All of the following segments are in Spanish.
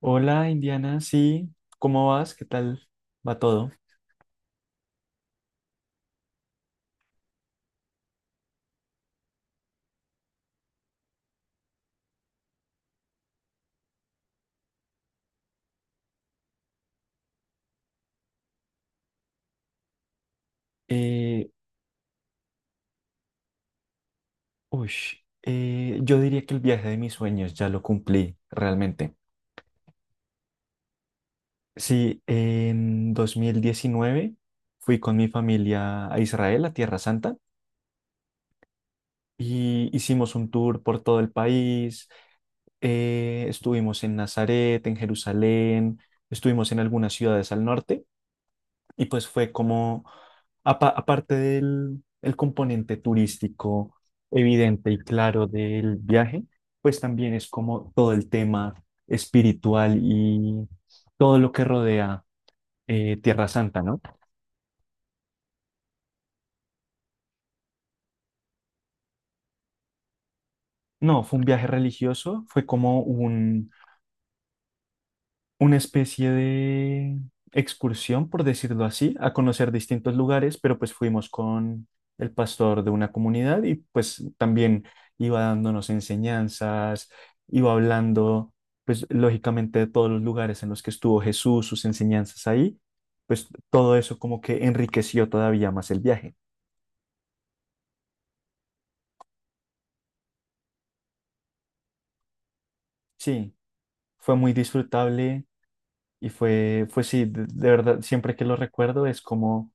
Hola, Indiana, sí, ¿cómo vas? ¿Qué tal va todo? Eh, uy, yo diría que el viaje de mis sueños ya lo cumplí realmente. Sí, en 2019 fui con mi familia a Israel, a Tierra Santa, y hicimos un tour por todo el país. Estuvimos en Nazaret, en Jerusalén, estuvimos en algunas ciudades al norte. Y pues fue como, aparte del el componente turístico evidente y claro del viaje, pues también es como todo el tema espiritual y todo lo que rodea Tierra Santa, ¿no? No, fue un viaje religioso, fue como un una especie de excursión, por decirlo así, a conocer distintos lugares, pero pues fuimos con el pastor de una comunidad y pues también iba dándonos enseñanzas, iba hablando, pues lógicamente de todos los lugares en los que estuvo Jesús, sus enseñanzas ahí, pues todo eso como que enriqueció todavía más el viaje. Sí, fue muy disfrutable y fue sí, de verdad, siempre que lo recuerdo es como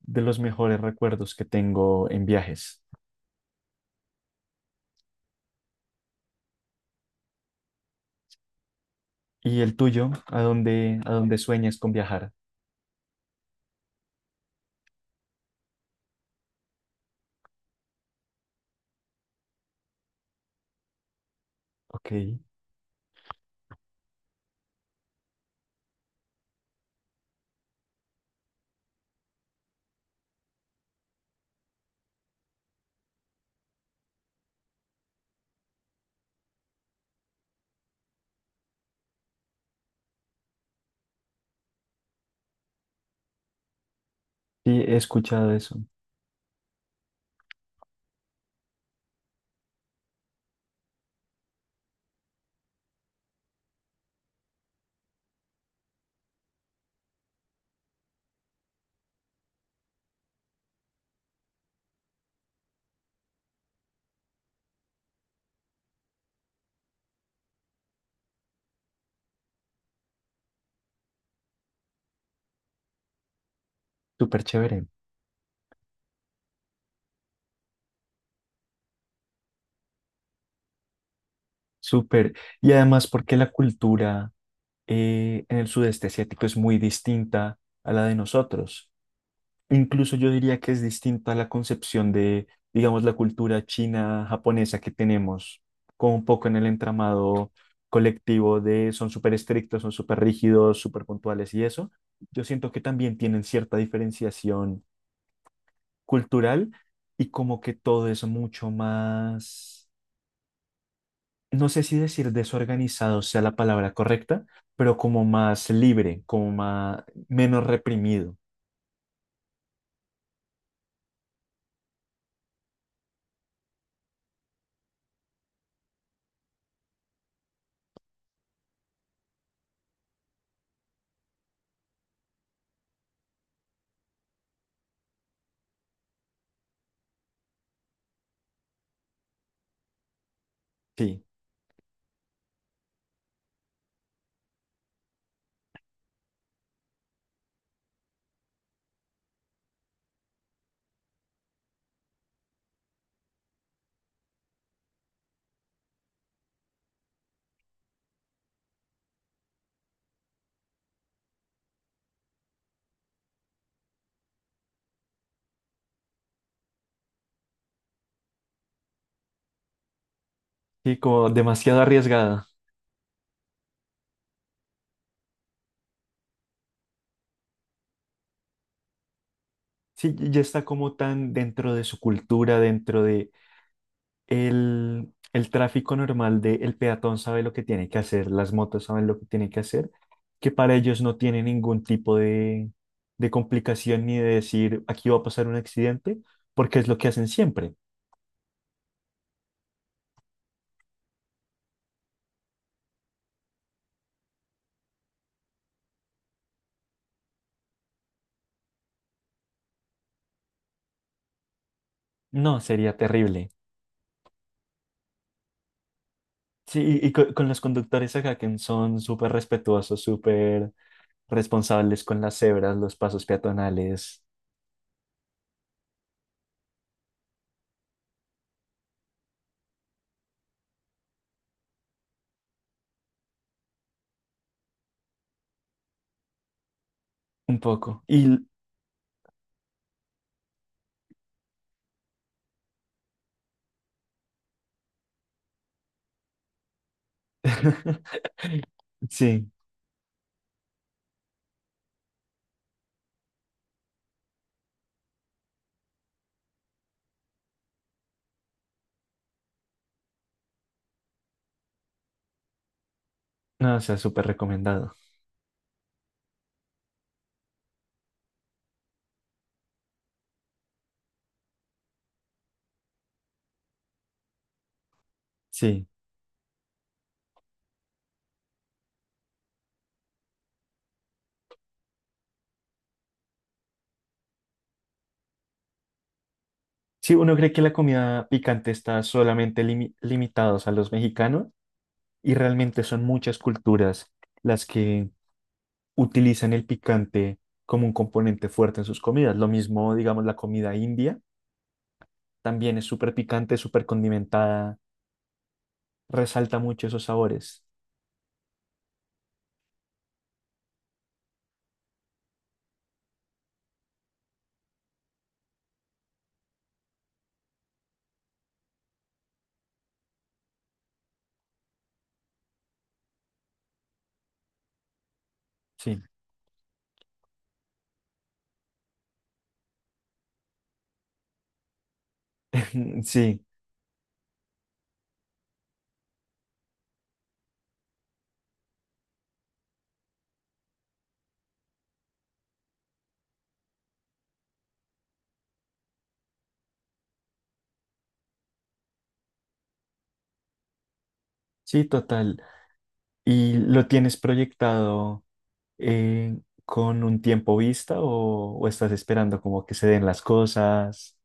de los mejores recuerdos que tengo en viajes. ¿Y el tuyo? A dónde sueñas con viajar? Ok, sí, he escuchado eso. Súper chévere, súper. Y además porque la cultura en el sudeste asiático es muy distinta a la de nosotros. Incluso yo diría que es distinta a la concepción de, digamos, la cultura china, japonesa que tenemos, como un poco en el entramado colectivo de son súper estrictos, son súper rígidos, súper puntuales y eso. Yo siento que también tienen cierta diferenciación cultural y como que todo es mucho más, no sé si decir desorganizado sea la palabra correcta, pero como más libre, como más, menos reprimido, sí, sí, como demasiado arriesgada. Sí, ya está como tan dentro de su cultura, dentro de el tráfico normal de el peatón sabe lo que tiene que hacer, las motos saben lo que tienen que hacer, que para ellos no tiene ningún tipo de complicación ni de decir aquí va a pasar un accidente, porque es lo que hacen siempre. No, sería terrible. Sí, y con, los conductores acá que son súper respetuosos, súper responsables con las cebras, los pasos peatonales, un poco. Y sí, no, o sea, súper recomendado. Sí. Sí, uno cree que la comida picante está solamente limitados a los mexicanos y realmente son muchas culturas las que utilizan el picante como un componente fuerte en sus comidas. Lo mismo, digamos, la comida india también es súper picante, súper condimentada, resalta mucho esos sabores. Sí, sí, sí, total. ¿Y lo tienes proyectado eh, con un tiempo vista o estás esperando como que se den las cosas?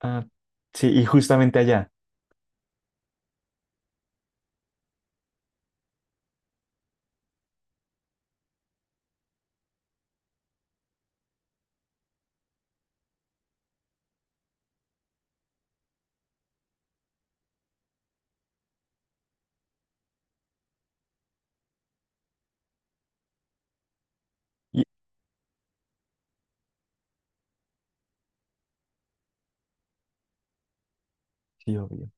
Ah, sí, y justamente allá. Y, sí, obvio.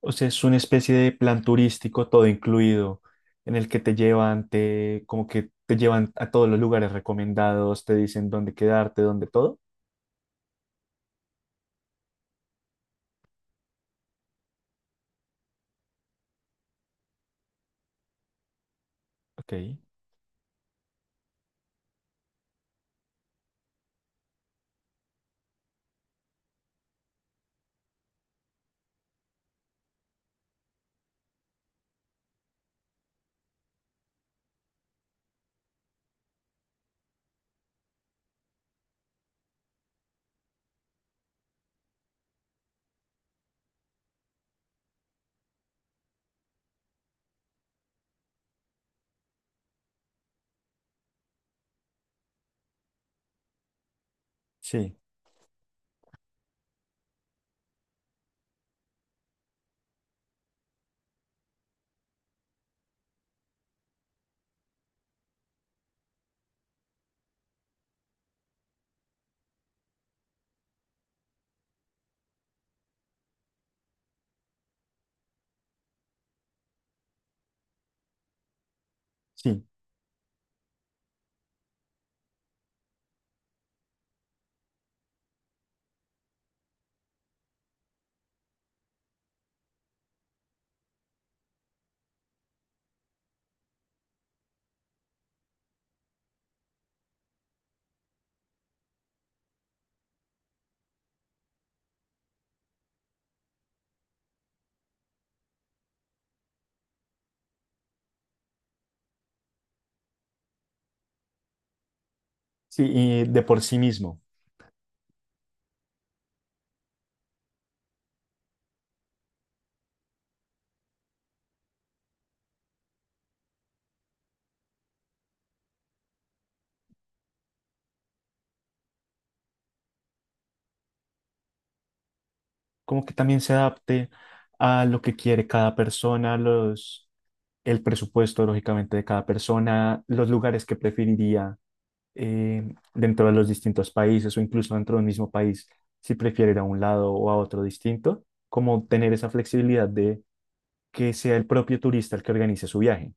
O sea, es una especie de plan turístico todo incluido, en el que te llevan, te, como que te llevan a todos los lugares recomendados, te dicen dónde quedarte, dónde todo. Ok, sí, sí, sí, y de por sí mismo. Como que también se adapte a lo que quiere cada persona, los, el presupuesto, lógicamente, de cada persona, los lugares que preferiría eh, dentro de los distintos países o incluso dentro del mismo país, si prefiere ir a un lado o a otro distinto, como tener esa flexibilidad de que sea el propio turista el que organice su viaje.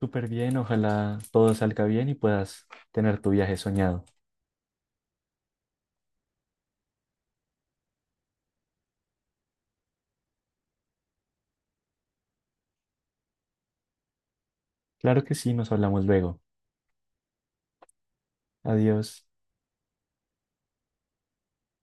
Súper bien, ojalá todo salga bien y puedas tener tu viaje soñado. Claro que sí, nos hablamos luego. Adiós.